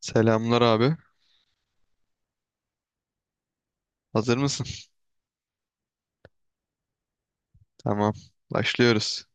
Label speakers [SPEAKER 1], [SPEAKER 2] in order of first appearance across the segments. [SPEAKER 1] Selamlar abi. Hazır mısın? Tamam. Başlıyoruz.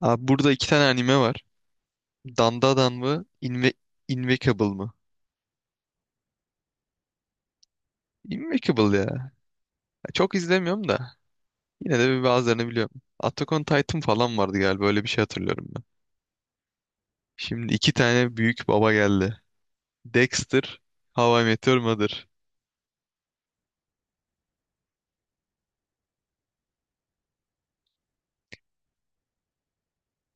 [SPEAKER 1] Abi burada iki tane anime var. Dandadan mı? Invincible mı? Invincible ya. Çok izlemiyorum da. Yine de bir bazılarını biliyorum. Attack on Titan falan vardı galiba. Öyle bir şey hatırlıyorum ben. Şimdi iki tane büyük baba geldi. Dexter, How I Met Your Mother.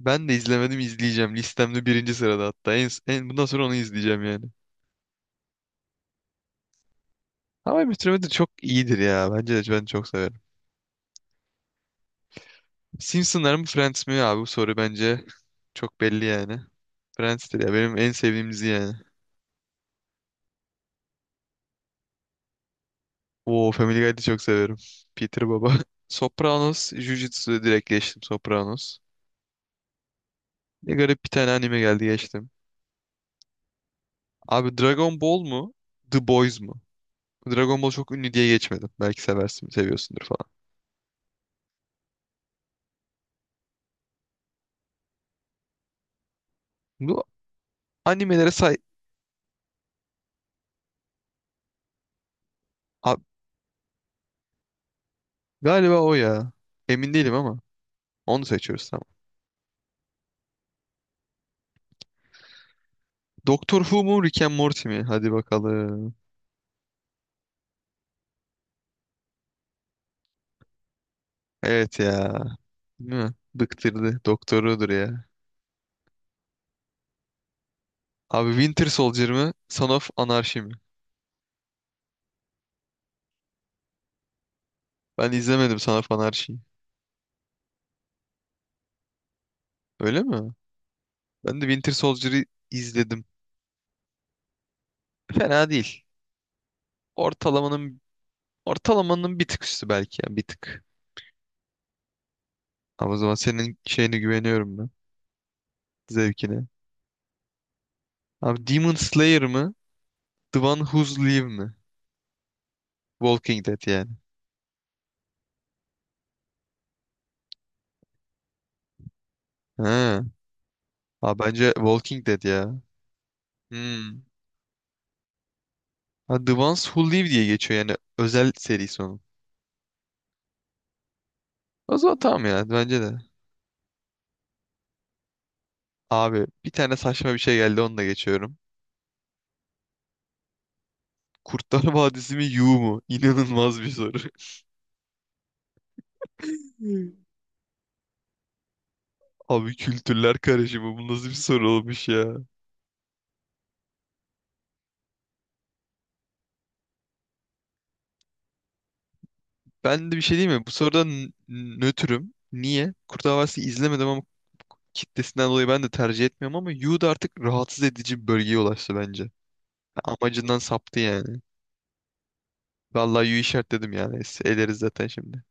[SPEAKER 1] Ben de izlemedim izleyeceğim. Listemde birinci sırada hatta. Bundan sonra onu izleyeceğim yani. How I Met Your Mother çok iyidir ya. Bence de ben çok severim. Simpsonlar mı Friends mi abi bu soru bence çok belli yani. Friends'tir ya benim en sevdiğim dizi yani. Oo Family Guy'ı da çok severim. Peter Baba. Sopranos, Jujutsu'ya direkt geçtim Sopranos. Ne garip bir tane anime geldi geçtim. Abi Dragon Ball mu? The Boys mu? Dragon Ball çok ünlü diye geçmedim. Belki seversin, seviyorsundur falan. Bu animelere say... Abi, galiba o ya. Emin değilim ama. Onu seçiyoruz tamam. Doctor Who mu Rick and Morty mi? Hadi bakalım. Evet ya. Değil mi? Bıktırdı. Doktorudur ya. Abi Winter Soldier mı? Son of Anarchy mi? Ben izlemedim Son of Anarchy'yi. Öyle mi? Ben de Winter Soldier'ı izledim. Fena değil. Ortalamanın ortalamanın bir tık üstü belki ya bir tık. Ama o zaman senin şeyine güveniyorum ben. Zevkine. Abi Demon Slayer mı? The One Who's Live mi? Walking Dead yani. Ha. Abi bence Walking Dead ya. Hmm. Ha, The Ones Who Live diye geçiyor yani özel serisi onun. O zaman tamam ya bence de. Abi bir tane saçma bir şey geldi onu da geçiyorum. Kurtlar Vadisi mi Yu mu? İnanılmaz bir soru. Hmm. Abi kültürler karışımı bu nasıl bir soru olmuş ya. Ben de bir şey diyeyim mi? Nötrüm. Niye? Kurtlar Vadisi izlemedim ama kitlesinden dolayı ben de tercih etmiyorum ama Yu da artık rahatsız edici bir bölgeye ulaştı bence. Amacından saptı yani. Vallahi Yu işaretledim yani. Eleriz zaten şimdi.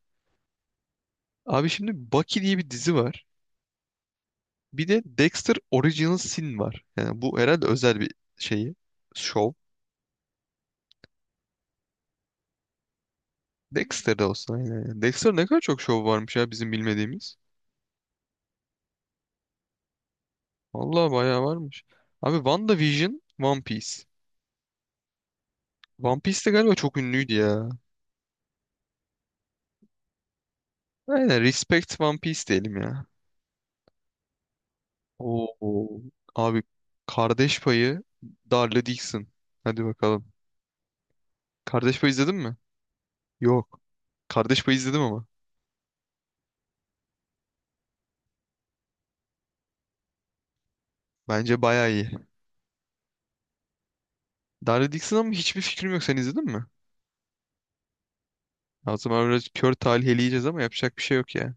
[SPEAKER 1] Abi şimdi Bucky diye bir dizi var. Bir de Dexter Original Sin var. Yani bu herhalde özel bir şeyi. Şov. Dexter'da olsa aynen. Yani. Dexter ne kadar çok şov varmış ya bizim bilmediğimiz. Vallahi bayağı varmış. Abi WandaVision, One Piece. One Piece de galiba çok ünlüydü ya. Aynen Respect One Piece diyelim ya. Oo. Abi Kardeş Payı, Darla Dixon. Hadi bakalım. Kardeş Payı izledin mi? Yok. Kardeş Payı izledim ama. Bence bayağı iyi. Darla Dixon ama hiçbir fikrim yok. Sen izledin mi? Azam zaman biraz kör talih eleyeceğiz ama yapacak bir şey yok ya.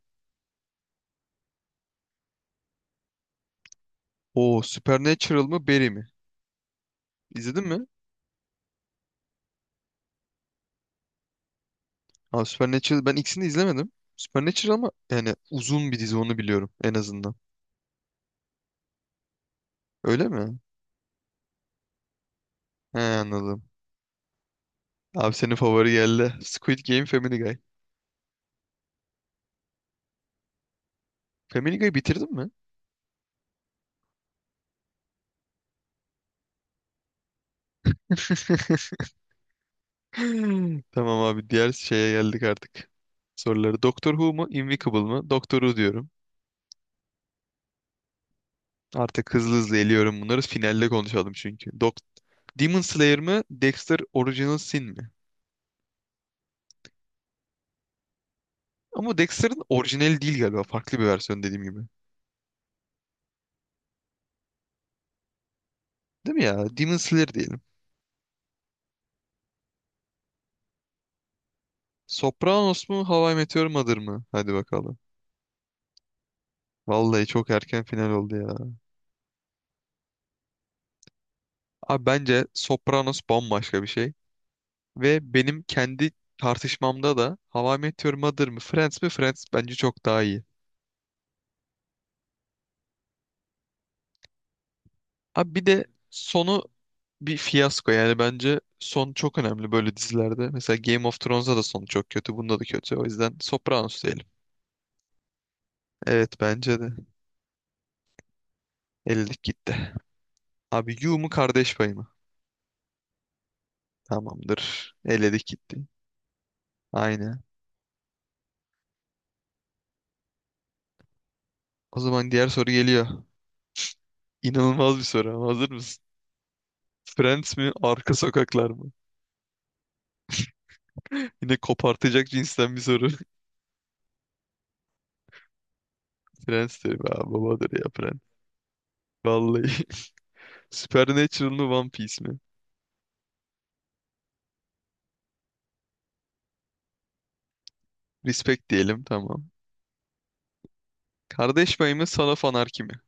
[SPEAKER 1] Oo Supernatural mı Barry mi? İzledin mi? Aa, Supernatural ben ikisini de izlemedim. Supernatural ama yani uzun bir dizi onu biliyorum en azından. Öyle mi? He anladım. Abi senin favori geldi. Squid Game Family Guy. Family Guy bitirdin mi? Hmm. Tamam abi diğer şeye geldik artık. Soruları Doctor Who mu Invincible mı? Doctor Who diyorum. Artık hızlı hızlı eliyorum bunları. Finalde konuşalım çünkü. Demon Slayer mı Dexter Original Sin mi? Ama Dexter'ın orijinali değil galiba. Farklı bir versiyon dediğim gibi. Değil mi ya? Demon Slayer diyelim. Sopranos mu? How I Met Your Mother mı? Hadi bakalım. Vallahi çok erken final oldu ya. Abi bence Sopranos bambaşka bir şey. Ve benim kendi tartışmamda da How I Met Your Mother mı? Friends mi? Friends bence çok daha iyi. Abi bir de sonu bir fiyasko. Yani bence son çok önemli böyle dizilerde. Mesela Game of Thrones'da da sonu çok kötü. Bunda da kötü. O yüzden Sopranos diyelim. Evet bence de. Ellilik gitti. Abi Yu mu kardeş payı mı? Tamamdır. Eledik gitti. Aynen. O zaman diğer soru geliyor. İnanılmaz bir soru ama hazır mısın? Friends mi? Arka sokaklar mı? Yine kopartacak cinsten bir soru. Friends diyor. Aa, babadır ya Friends. Vallahi. Supernatural mı? One Piece mi? Respect diyelim tamam. Kardeş payı mı? Son of Anarchy mi?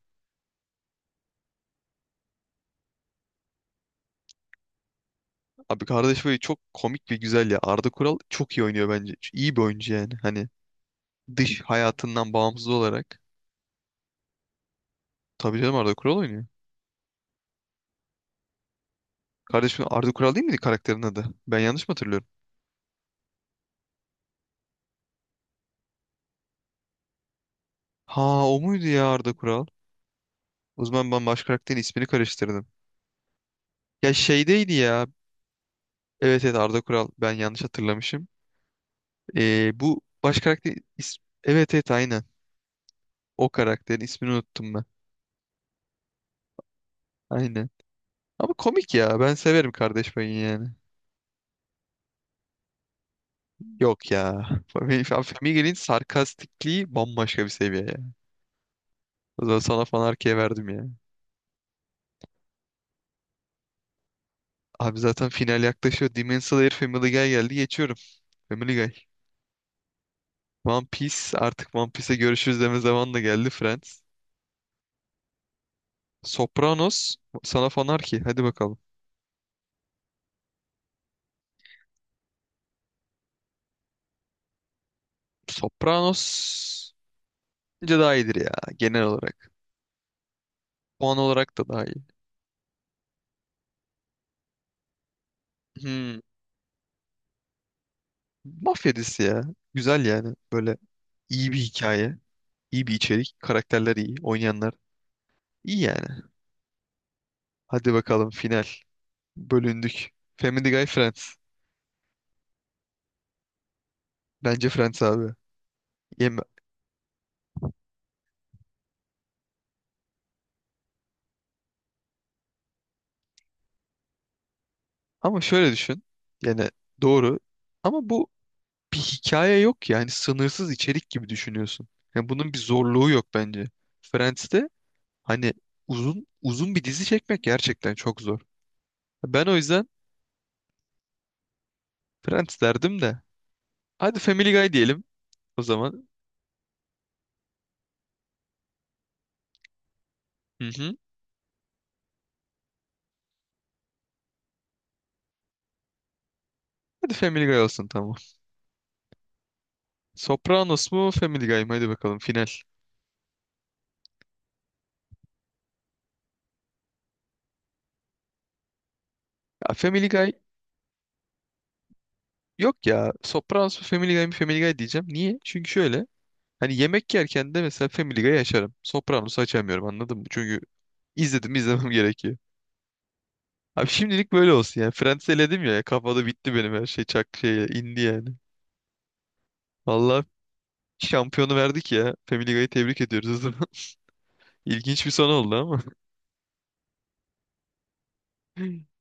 [SPEAKER 1] Abi kardeş payı çok komik ve güzel ya. Arda Kural çok iyi oynuyor bence. İyi bir oyuncu yani. Hani dış hayatından bağımsız olarak. Tabii canım Arda Kural oynuyor. Kardeşim Arda Kural değil miydi karakterin adı? Ben yanlış mı hatırlıyorum? Ha o muydu ya Arda Kural? O zaman ben baş karakterin ismini karıştırdım. Ya şeydeydi ya. Evet evet Arda Kural. Ben yanlış hatırlamışım. Bu baş karakter is- evet evet aynen. O karakterin ismini unuttum ben. Aynen. Ama komik ya. Ben severim kardeş payı yani. Yok ya. Family'nin sarkastikliği bambaşka bir seviye ya. O zaman sana fan verdim ya. Abi zaten final yaklaşıyor. Demon Slayer Family Guy geldi. Geçiyorum. Family Guy. One Piece artık One Piece'e görüşürüz deme zamanı da geldi Friends. Sopranos sana fanar ki hadi bakalım. Sopranos bence daha iyidir ya genel olarak. Puan olarak da daha iyi. Hmm, mafya dizisi ya. Güzel yani böyle iyi bir hikaye, iyi bir içerik, karakterler iyi, oynayanlar iyi yani. Hadi bakalım final. Bölündük. Family Guy Friends. Bence Friends abi. Yeme- Ama şöyle düşün. Yani doğru. Ama bu bir hikaye yok yani sınırsız içerik gibi düşünüyorsun. Yani bunun bir zorluğu yok bence. Friends'te hani uzun uzun bir dizi çekmek gerçekten çok zor. Ben o yüzden Friends derdim de. Hadi Family Guy diyelim o zaman. Hı hı. Hadi Family Guy olsun tamam. Sopranos mu Family Guy mı? Hadi bakalım final. Ya Family Guy yok ya. Sopranos mu Family Guy mı Family Guy diyeceğim. Niye? Çünkü şöyle. Hani yemek yerken de mesela Family Guy açarım. Sopranos'u açamıyorum anladın mı? Çünkü izledim izlemem gerekiyor. Abi şimdilik böyle olsun yani. Friends eledim ya. Kafada bitti benim her şey. Çak şeye indi yani. Vallahi şampiyonu verdik ya. Family Guy'ı tebrik ediyoruz o zaman. İlginç bir son oldu ama.